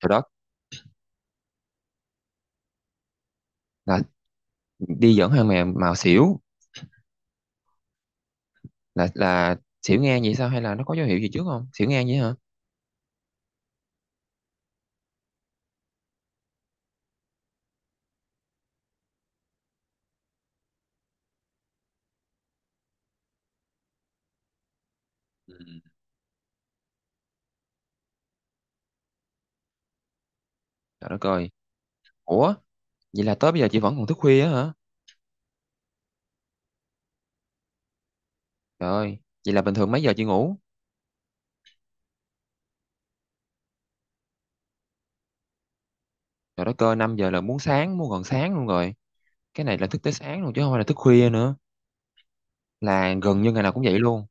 Rồi đó. Là đi dẫn thằng mèo màu xỉu, là xỉu ngang vậy sao? Hay là nó có dấu hiệu gì trước không, xỉu ngang vậy hả? Ừ. Trời đất ơi, ủa, vậy là tới bây giờ chị vẫn còn thức khuya á hả? Trời ơi, vậy là bình thường mấy giờ chị ngủ? Trời đất ơi, 5 giờ là muốn sáng, muốn gần sáng luôn rồi. Cái này là thức tới sáng luôn chứ không phải là thức khuya nữa, là gần như ngày nào cũng vậy luôn.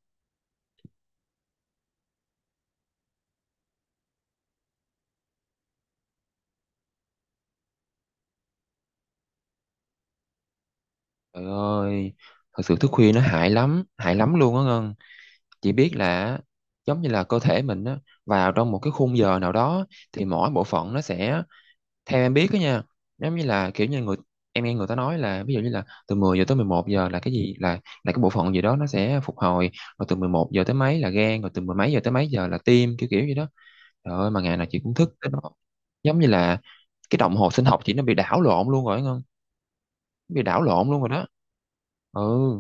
Trời ơi, thật sự thức khuya nó hại lắm, hại lắm luôn á Ngân. Chị biết là giống như là cơ thể mình á, vào trong một cái khung giờ nào đó thì mỗi bộ phận nó sẽ, theo em biết đó nha, giống như là kiểu như người, em nghe người ta nói là ví dụ như là từ 10 giờ tới 11 giờ là cái gì, là cái bộ phận gì đó nó sẽ phục hồi, rồi từ 11 giờ tới mấy là gan, rồi từ mười mấy giờ tới mấy giờ là tim, kiểu kiểu gì đó. Trời ơi, mà ngày nào chị cũng thức tới đó. Giống như là cái đồng hồ sinh học chị nó bị đảo lộn luôn rồi không, bị đảo lộn luôn rồi đó. Ừ.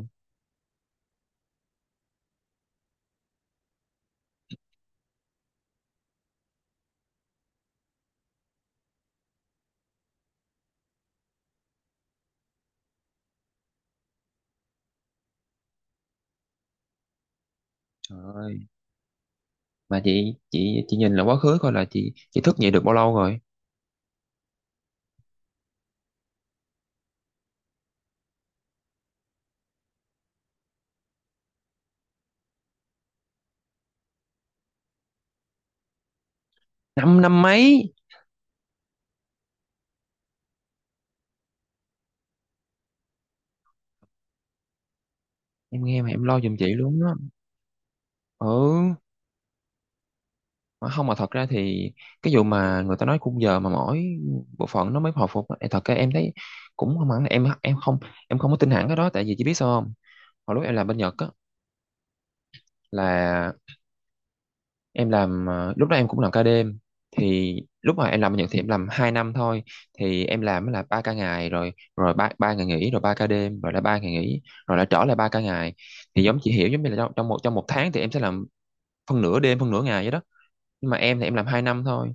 Trời ơi, mà chị nhìn là quá khứ coi là chị thức dậy được bao lâu rồi? Năm năm mấy, em nghe mà em lo giùm chị luôn đó. Ừ. Mà không, mà thật ra thì cái vụ mà người ta nói khung giờ mà mỗi bộ phận nó mới hồi phục á, em thật ra em thấy cũng không hẳn là em không, em không có tin hẳn cái đó. Tại vì chị biết sao không, hồi lúc em làm bên Nhật á, là em làm, lúc đó em cũng làm ca đêm. Thì lúc mà em làm bên Nhật thì em làm 2 năm thôi. Thì em làm là ba ca ngày rồi rồi ba ba ngày nghỉ, rồi ba ca đêm, rồi lại ba ngày nghỉ, rồi lại trở lại ba ca ngày. Thì giống chị hiểu, giống như là trong một tháng thì em sẽ làm phân nửa đêm, phân nửa ngày vậy đó. Nhưng mà em thì em làm 2 năm thôi,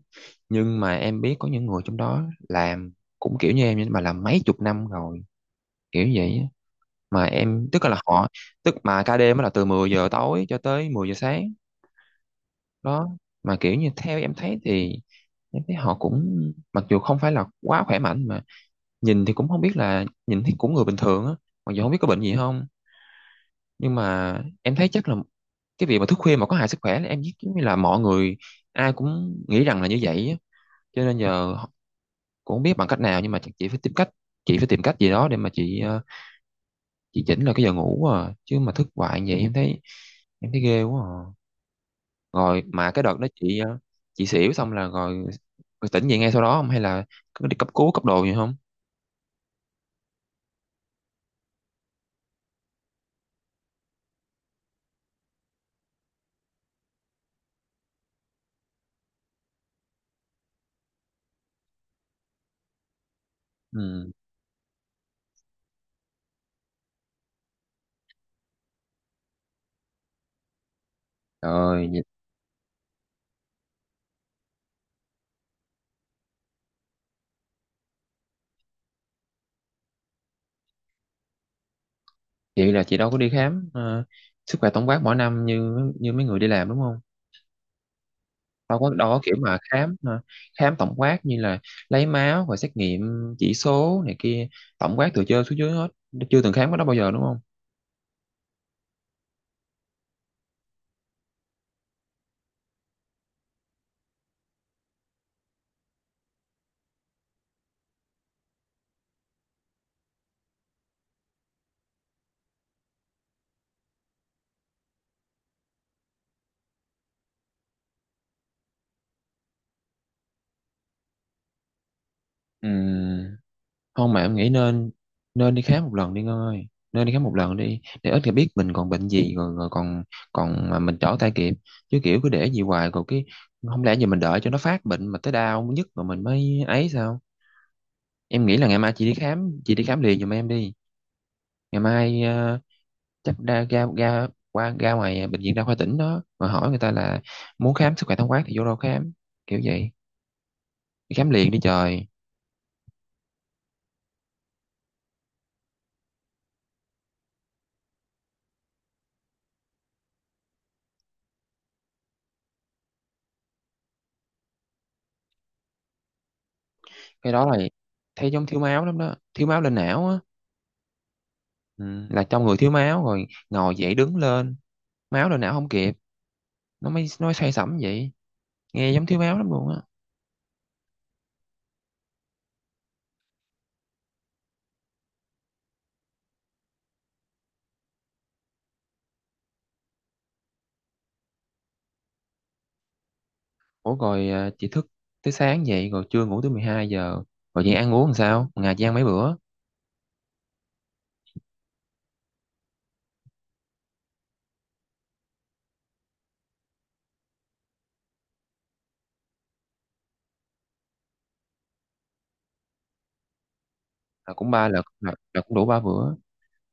nhưng mà em biết có những người trong đó làm cũng kiểu như em nhưng mà làm mấy chục năm rồi, kiểu vậy á. Mà em tức là họ, tức mà ca đêm á là từ 10 giờ tối cho tới 10 giờ sáng đó. Mà kiểu như theo em thấy thì em thấy họ cũng, mặc dù không phải là quá khỏe mạnh mà nhìn thì cũng không biết, là nhìn thấy cũng người bình thường á, mặc dù không biết có bệnh gì không. Nhưng mà em thấy chắc là cái việc mà thức khuya mà có hại sức khỏe là em biết, giống như là mọi người ai cũng nghĩ rằng là như vậy á. Cho nên giờ cũng không biết bằng cách nào, nhưng mà chắc chị phải tìm cách, chị phải tìm cách gì đó để mà chị chỉnh lại cái giờ ngủ à. Chứ mà thức hoài như vậy em thấy ghê quá à. Rồi mà cái đợt đó chị xỉu xong là rồi tỉnh dậy ngay sau đó không, hay là cứ đi cấp cứu, cấp đồ gì không? Ừ. Rồi vậy vậy là chị đâu có đi khám, sức khỏe tổng quát mỗi năm như như mấy người đi làm, đúng không? Đâu có kiểu mà khám, khám tổng quát như là lấy máu và xét nghiệm, chỉ số này kia, tổng quát từ trên xuống dưới hết, chưa từng khám cái đó bao giờ đúng không? Ừm, không mà em nghĩ nên, nên đi khám một lần đi Ngân ơi. Nên đi khám một lần đi để ít người biết mình còn bệnh gì rồi, rồi còn, còn mà mình trở tay kịp. Chứ kiểu cứ để gì hoài rồi cái, không lẽ giờ mình đợi cho nó phát bệnh mà tới đau nhất rồi mình mới ấy sao? Em nghĩ là ngày mai chị đi khám, chị đi khám liền giùm em đi. Ngày mai chắc ra ra ra qua ra ngoài bệnh viện đa khoa tỉnh đó mà hỏi người ta là muốn khám sức khỏe tổng quát thì vô đâu khám, kiểu vậy. Đi khám liền đi trời. Cái đó là thấy giống thiếu máu lắm đó, thiếu máu lên não á. Ừ, là trong người thiếu máu rồi ngồi dậy đứng lên, máu lên não không kịp, nó mới say sẩm vậy. Nghe giống thiếu máu lắm luôn á. Ủa rồi à, chị thức tới sáng vậy rồi trưa ngủ tới 12 giờ, rồi chị ăn uống làm sao? Một ngày chị ăn mấy bữa? Là cũng ba lượt, là cũng đủ ba bữa.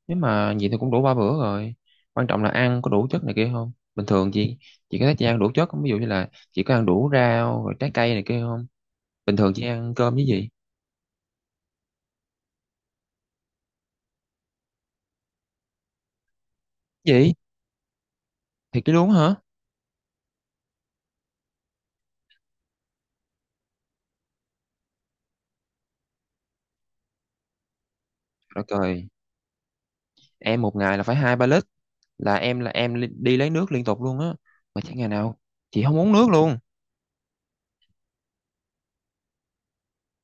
Nếu mà vậy thì cũng đủ ba bữa rồi. Quan trọng là ăn có đủ chất này kia không. Bình thường chị có thấy chị ăn đủ chất không, ví dụ như là chị có ăn đủ rau rồi trái cây này kia không? Bình thường chị ăn cơm với gì? Gì thì cái luống hả? Trời đất ơi, em một ngày là phải hai ba lít, là em đi lấy nước liên tục luôn á. Mà chẳng ngày nào chị không uống nước luôn.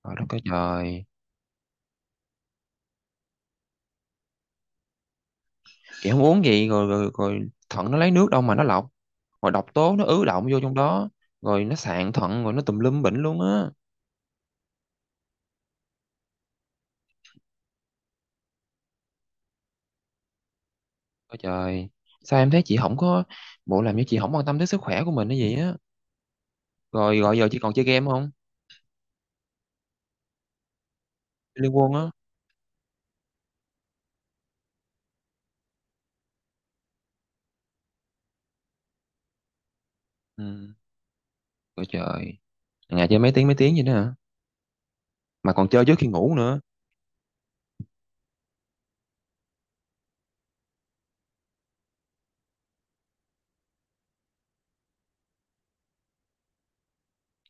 Rồi nó kêu trời, chị không uống gì rồi, rồi rồi thận nó lấy nước đâu mà nó lọc, rồi độc tố nó ứ đọng vô trong đó, rồi nó sạn thận rồi nó tùm lum bệnh luôn á. Ôi trời, sao em thấy chị không có, bộ làm như chị không quan tâm tới sức khỏe của mình hay gì á? Rồi gọi giờ chị còn chơi game không, Liên Quân á? Ừ. Ôi trời, ngày chơi mấy tiếng, mấy tiếng vậy đó hả? Mà còn chơi trước khi ngủ nữa.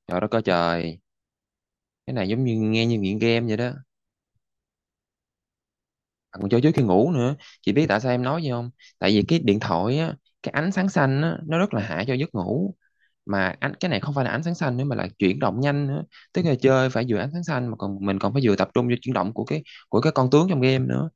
Trời đất ơi trời, cái này giống như nghe như nghiện game vậy đó, còn cho trước khi ngủ nữa. Chị biết tại sao em nói gì không? Tại vì cái điện thoại á, cái ánh sáng xanh á nó rất là hại cho giấc ngủ. Mà cái này không phải là ánh sáng xanh nữa mà là chuyển động nhanh nữa. Tức là chơi phải vừa ánh sáng xanh mà còn mình còn phải vừa tập trung vô chuyển động của cái, của cái con tướng trong game nữa,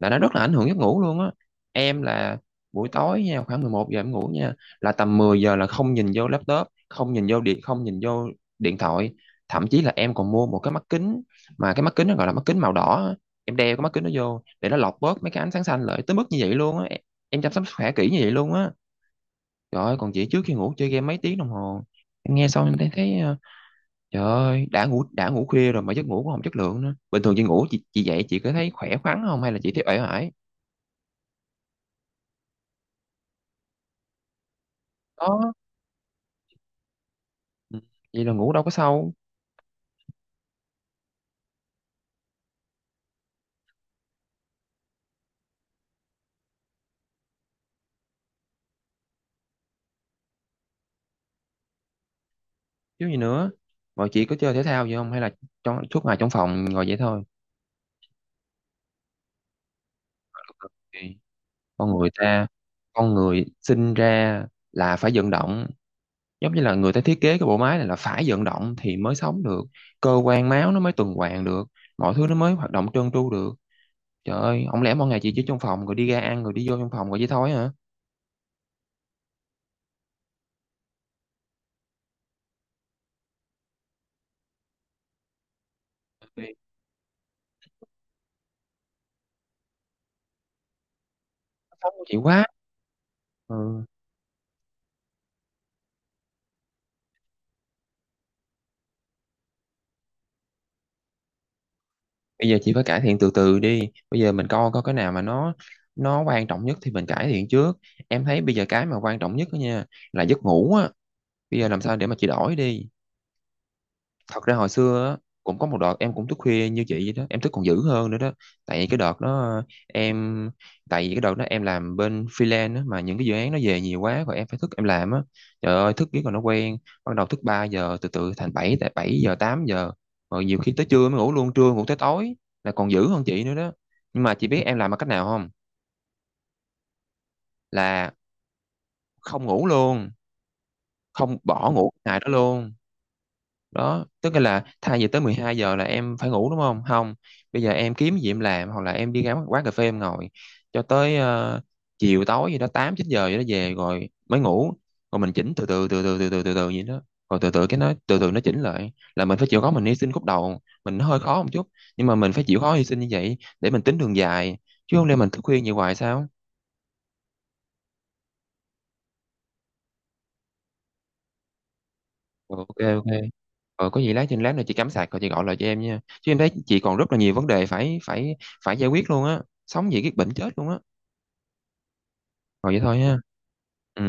là nó rất là ảnh hưởng giấc ngủ luôn á. Em là buổi tối nha, khoảng 11 giờ em ngủ nha, là tầm 10 giờ là không nhìn vô laptop, không nhìn vô điện thoại. Thậm chí là em còn mua một cái mắt kính, mà cái mắt kính nó gọi là mắt kính màu đỏ á. Em đeo cái mắt kính đó vô để nó lọc bớt mấy cái ánh sáng xanh lại, tới mức như vậy luôn á em chăm sóc sức khỏe kỹ như vậy luôn á. Trời ơi, còn chị trước khi ngủ chơi game mấy tiếng đồng hồ. Em nghe xong em thấy, trời ơi, đã ngủ khuya rồi mà giấc ngủ cũng không chất lượng nữa. Bình thường chị ngủ, chị dậy chị có thấy khỏe khoắn không hay là chị thấy uể oải? Có. Ừ. Vậy là ngủ đâu có sâu. Chứ gì nữa. Mọi chị có chơi thể thao gì không hay là trong suốt ngày trong phòng ngồi vậy thôi? Thì. Con người ta, con người sinh ra là phải vận động, giống như là người ta thiết kế cái bộ máy này là phải vận động thì mới sống được, cơ quan máu nó mới tuần hoàn được, mọi thứ nó mới hoạt động trơn tru được. Trời ơi, không lẽ mỗi ngày chị chỉ trong phòng rồi đi ra ăn rồi đi vô trong phòng rồi vậy thôi hả? Thì. Sống của chị quá. Ừ. Bây giờ chị phải cải thiện từ từ đi. Bây giờ mình coi coi cái nào mà nó quan trọng nhất thì mình cải thiện trước. Em thấy bây giờ cái mà quan trọng nhất đó nha là giấc ngủ á. Bây giờ làm sao để mà chị đổi đi. Thật ra hồi xưa á, cũng có một đợt em cũng thức khuya như chị vậy đó, em thức còn dữ hơn nữa đó. tại cái đợt đó em Tại vì cái đợt đó em làm bên freelance á, mà những cái dự án nó về nhiều quá rồi em phải thức em làm á. Trời ơi, thức biết còn nó quen, bắt đầu thức 3 giờ từ từ thành bảy, 7 giờ 8 giờ, rồi nhiều khi tới trưa mới ngủ luôn, trưa ngủ tới tối, là còn dữ hơn chị nữa đó. Nhưng mà chị biết em làm bằng cách nào không? Là không ngủ luôn, không bỏ ngủ cái ngày đó luôn. Đó tức là thay vì tới 12 giờ là em phải ngủ đúng không, bây giờ em kiếm gì em làm hoặc là em đi ra quán cà phê em ngồi cho tới chiều tối gì đó, 8 9 giờ gì đó về rồi mới ngủ. Rồi mình chỉnh từ từ từ từ từ từ từ từ vậy đó. Rồi từ từ cái nó từ từ nó chỉnh lại, là mình phải chịu khó mình hy sinh khúc đầu mình nó hơi khó một chút, nhưng mà mình phải chịu khó hy sinh như vậy để mình tính đường dài, chứ không lẽ mình thức khuya như hoài sao? Ok. Ok. Ờ, có gì lát nữa chị cắm sạc rồi chị gọi lại cho em nha. Chứ em thấy chị còn rất là nhiều vấn đề phải phải phải giải quyết luôn á. Sống gì cái bệnh chết luôn á. Rồi vậy thôi ha. Ừ.